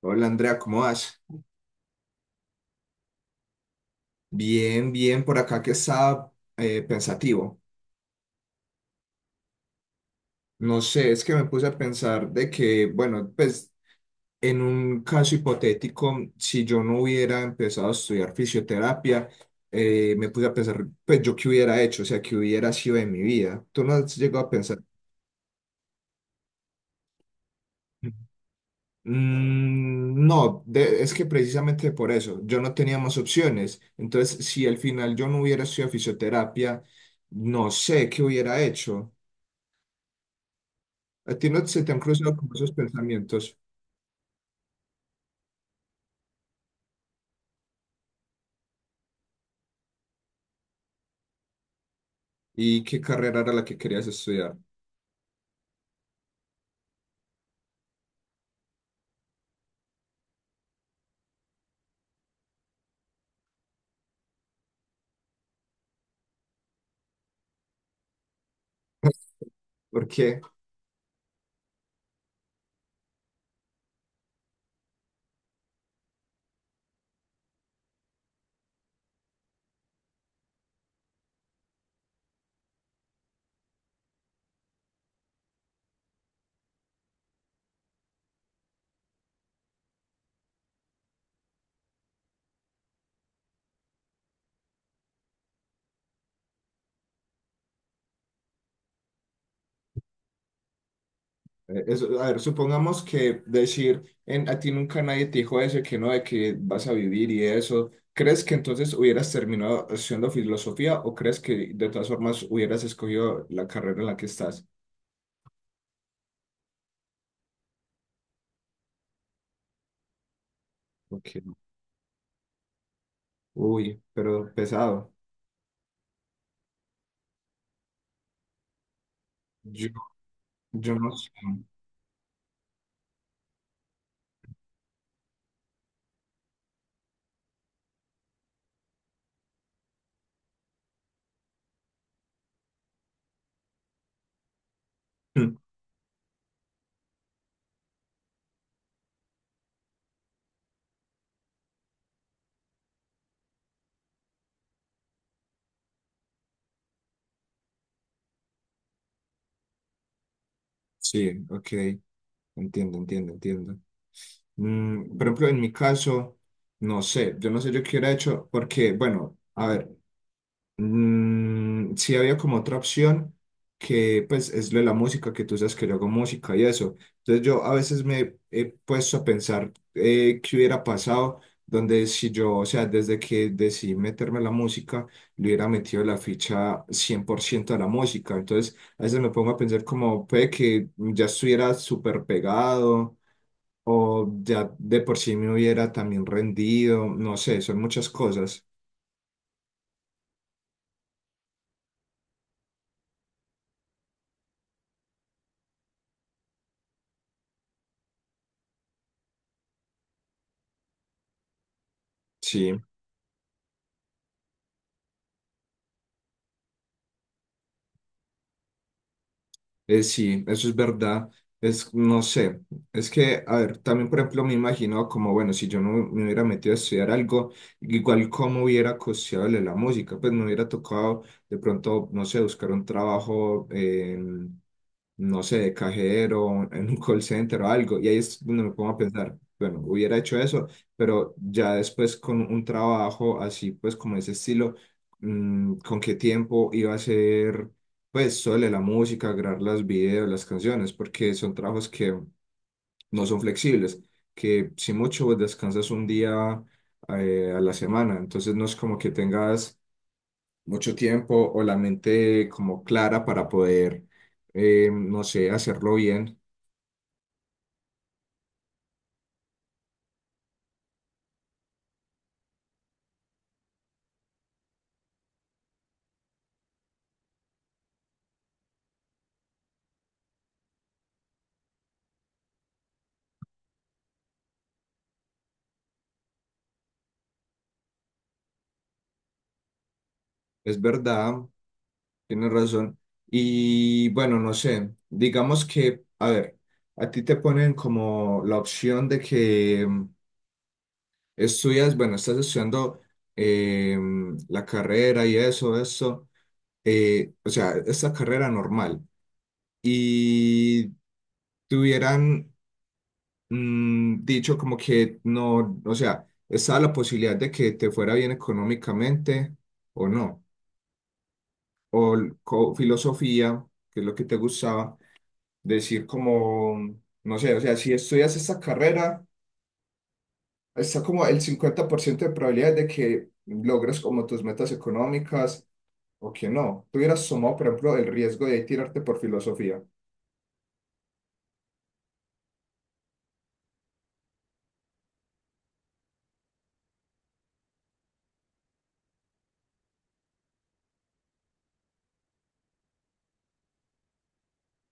Hola Andrea, ¿cómo vas? Bien, bien, por acá que estaba pensativo. No sé, es que me puse a pensar de que, bueno, pues en un caso hipotético, si yo no hubiera empezado a estudiar fisioterapia, me puse a pensar, pues yo qué hubiera hecho, o sea, qué hubiera sido de mi vida. ¿Tú no has llegado a pensar? Mm, no, es que precisamente por eso, yo no tenía más opciones. Entonces, si al final yo no hubiera estudiado fisioterapia, no sé qué hubiera hecho. ¿A ti no se te han cruzado como esos pensamientos? ¿Y qué carrera era la que querías estudiar? Porque, eh, a ver, supongamos que decir, en, a ti nunca nadie te dijo eso, que no, de que vas a vivir y eso. ¿Crees que entonces hubieras terminado haciendo filosofía o crees que de todas formas hubieras escogido la carrera en la que estás? Ok. Uy, pero pesado. Yo, yo no sé. Sí, ok. Entiendo, entiendo, entiendo. Mm, por ejemplo, en mi caso, no sé, yo no sé yo qué hubiera hecho, porque, bueno, a ver, mm, sí había como otra opción que pues es lo de la música, que tú sabes que yo hago música y eso. Entonces yo a veces me he puesto a pensar qué hubiera pasado, donde si yo, o sea, desde que decidí meterme a la música, le hubiera metido la ficha 100 por ciento a la música. Entonces a veces me pongo a pensar como puede que ya estuviera súper pegado o ya de por sí me hubiera también rendido, no sé, son muchas cosas. Sí. Sí, eso es verdad. Es, no sé, es que, a ver, también, por ejemplo, me imagino como, bueno, si yo no me hubiera metido a estudiar algo, igual cómo hubiera costeado la música, pues me hubiera tocado de pronto, no sé, buscar un trabajo en, no sé, de cajero, en un call center o algo, y ahí es donde me pongo a pensar, bueno, hubiera hecho eso, pero ya después con un trabajo así, pues como ese estilo, mm, ¿con qué tiempo iba a ser? Pues suele la música, grabar las videos, las canciones, porque son trabajos que no son flexibles, que si mucho vos descansas un día a la semana, entonces no es como que tengas mucho tiempo o la mente como clara para poder, no sé, hacerlo bien. Es verdad, tienes razón. Y bueno, no sé, digamos que, a ver, a ti te ponen como la opción de que estudias, bueno, estás estudiando eh, la carrera y eso, o sea, esta carrera normal. Y te hubieran mm, dicho como que no, o sea, estaba la posibilidad de que te fuera bien económicamente o no. O filosofía, que es lo que te gustaba, decir como, no sé, o sea, si estudias esta carrera, está como el 50 por ciento de probabilidad de que logres como tus metas económicas o que no. Tú hubieras tomado, por ejemplo, el riesgo de tirarte por filosofía.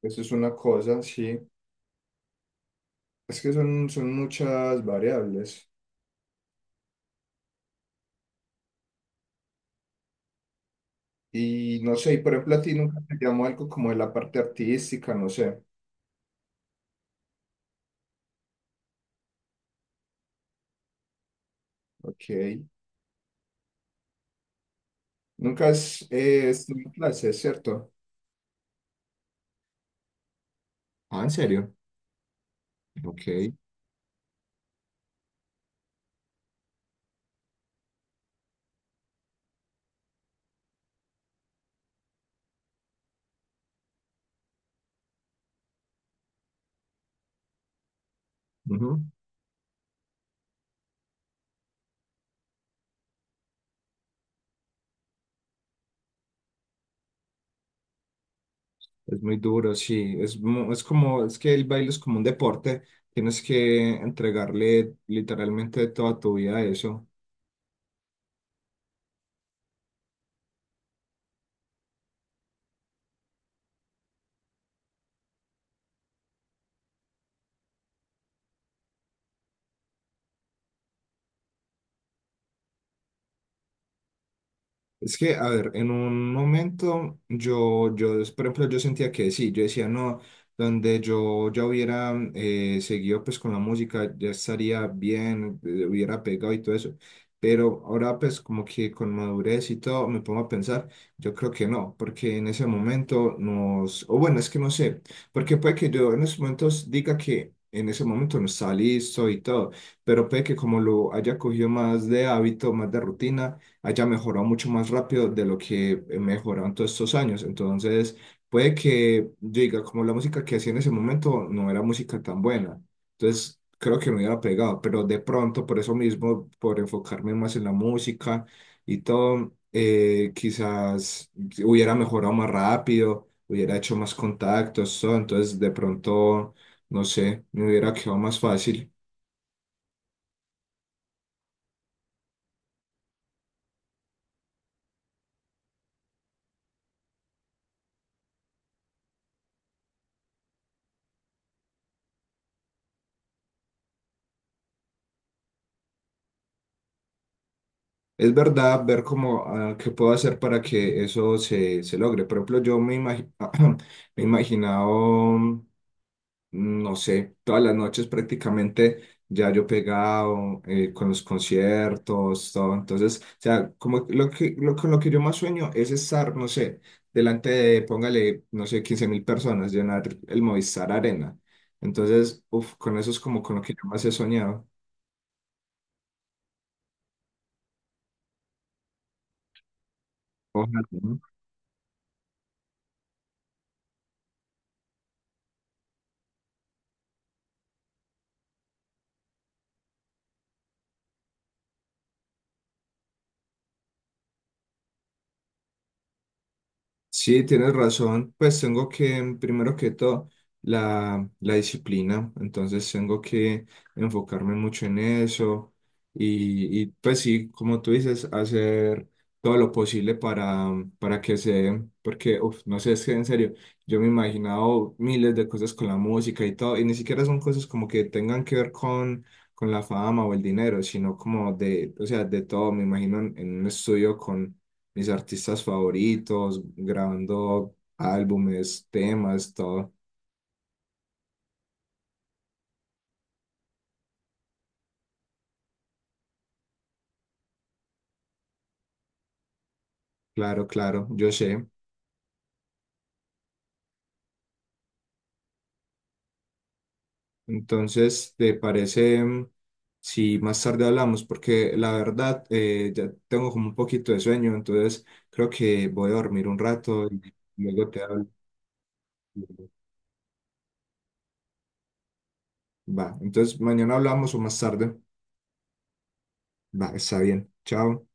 Eso es una cosa, sí. Es que son, son muchas variables. Y no sé, y por ejemplo, a ti nunca te llamó algo como de la parte artística, no sé. Ok. Nunca has estudiado clases, ¿cierto? Ah, ¿en serio? Ok. Ujú. Es muy duro, sí. Es como, es que el baile es como un deporte. Tienes que entregarle literalmente toda tu vida a eso. Es que, a ver, en un momento yo, por ejemplo, yo sentía que sí, yo decía, no, donde yo ya hubiera seguido pues con la música, ya estaría bien, hubiera pegado y todo eso. Pero ahora pues como que con madurez y todo me pongo a pensar, yo creo que no, porque en ese momento nos, o bueno, es que no sé, porque puede que yo en esos momentos diga que en ese momento no está listo y todo, pero puede que como lo haya cogido más de hábito, más de rutina haya mejorado mucho más rápido de lo que he mejorado en todos estos años. Entonces, puede que yo diga, como la música que hacía en ese momento no era música tan buena. Entonces, creo que me hubiera pegado, pero de pronto, por eso mismo, por enfocarme más en la música y todo, quizás hubiera mejorado más rápido, hubiera hecho más contactos, todo. Entonces, de pronto, no sé, me hubiera quedado más fácil. Es verdad ver cómo, ah, qué puedo hacer para que eso se, se logre. Por ejemplo, me he imaginado, mm, no sé, todas las noches prácticamente ya yo pegado con los conciertos, todo. Entonces, o sea, como lo que, lo, con lo que yo más sueño es estar, no sé, delante de, póngale, no sé, 15 mil personas, llenar el Movistar Arena. Entonces, uf, con eso es como con lo que yo más he soñado. Ojalá. ¿No? Sí, tienes razón. Pues tengo que, mm, primero que todo, la disciplina. Entonces tengo que enfocarme mucho en eso. Y, pues sí, como tú dices, hacer todo lo posible para, mm, para que se dé. Porque, uf, no sé, es que en serio, yo me he imaginado miles de cosas con la música y todo. Y ni siquiera son cosas como que tengan que ver con la fama o el dinero, sino como de, o sea, de todo. Me imagino en un estudio con mis artistas favoritos, grabando álbumes, temas, todo. Claro, claro, yo sé. Entonces, ¿te parece mm, si más tarde hablamos? Porque la verdad, ya tengo como un poquito de sueño, entonces creo que voy a dormir un rato y luego te hablo. Va, entonces mañana hablamos o más tarde. Va, está bien. Chao.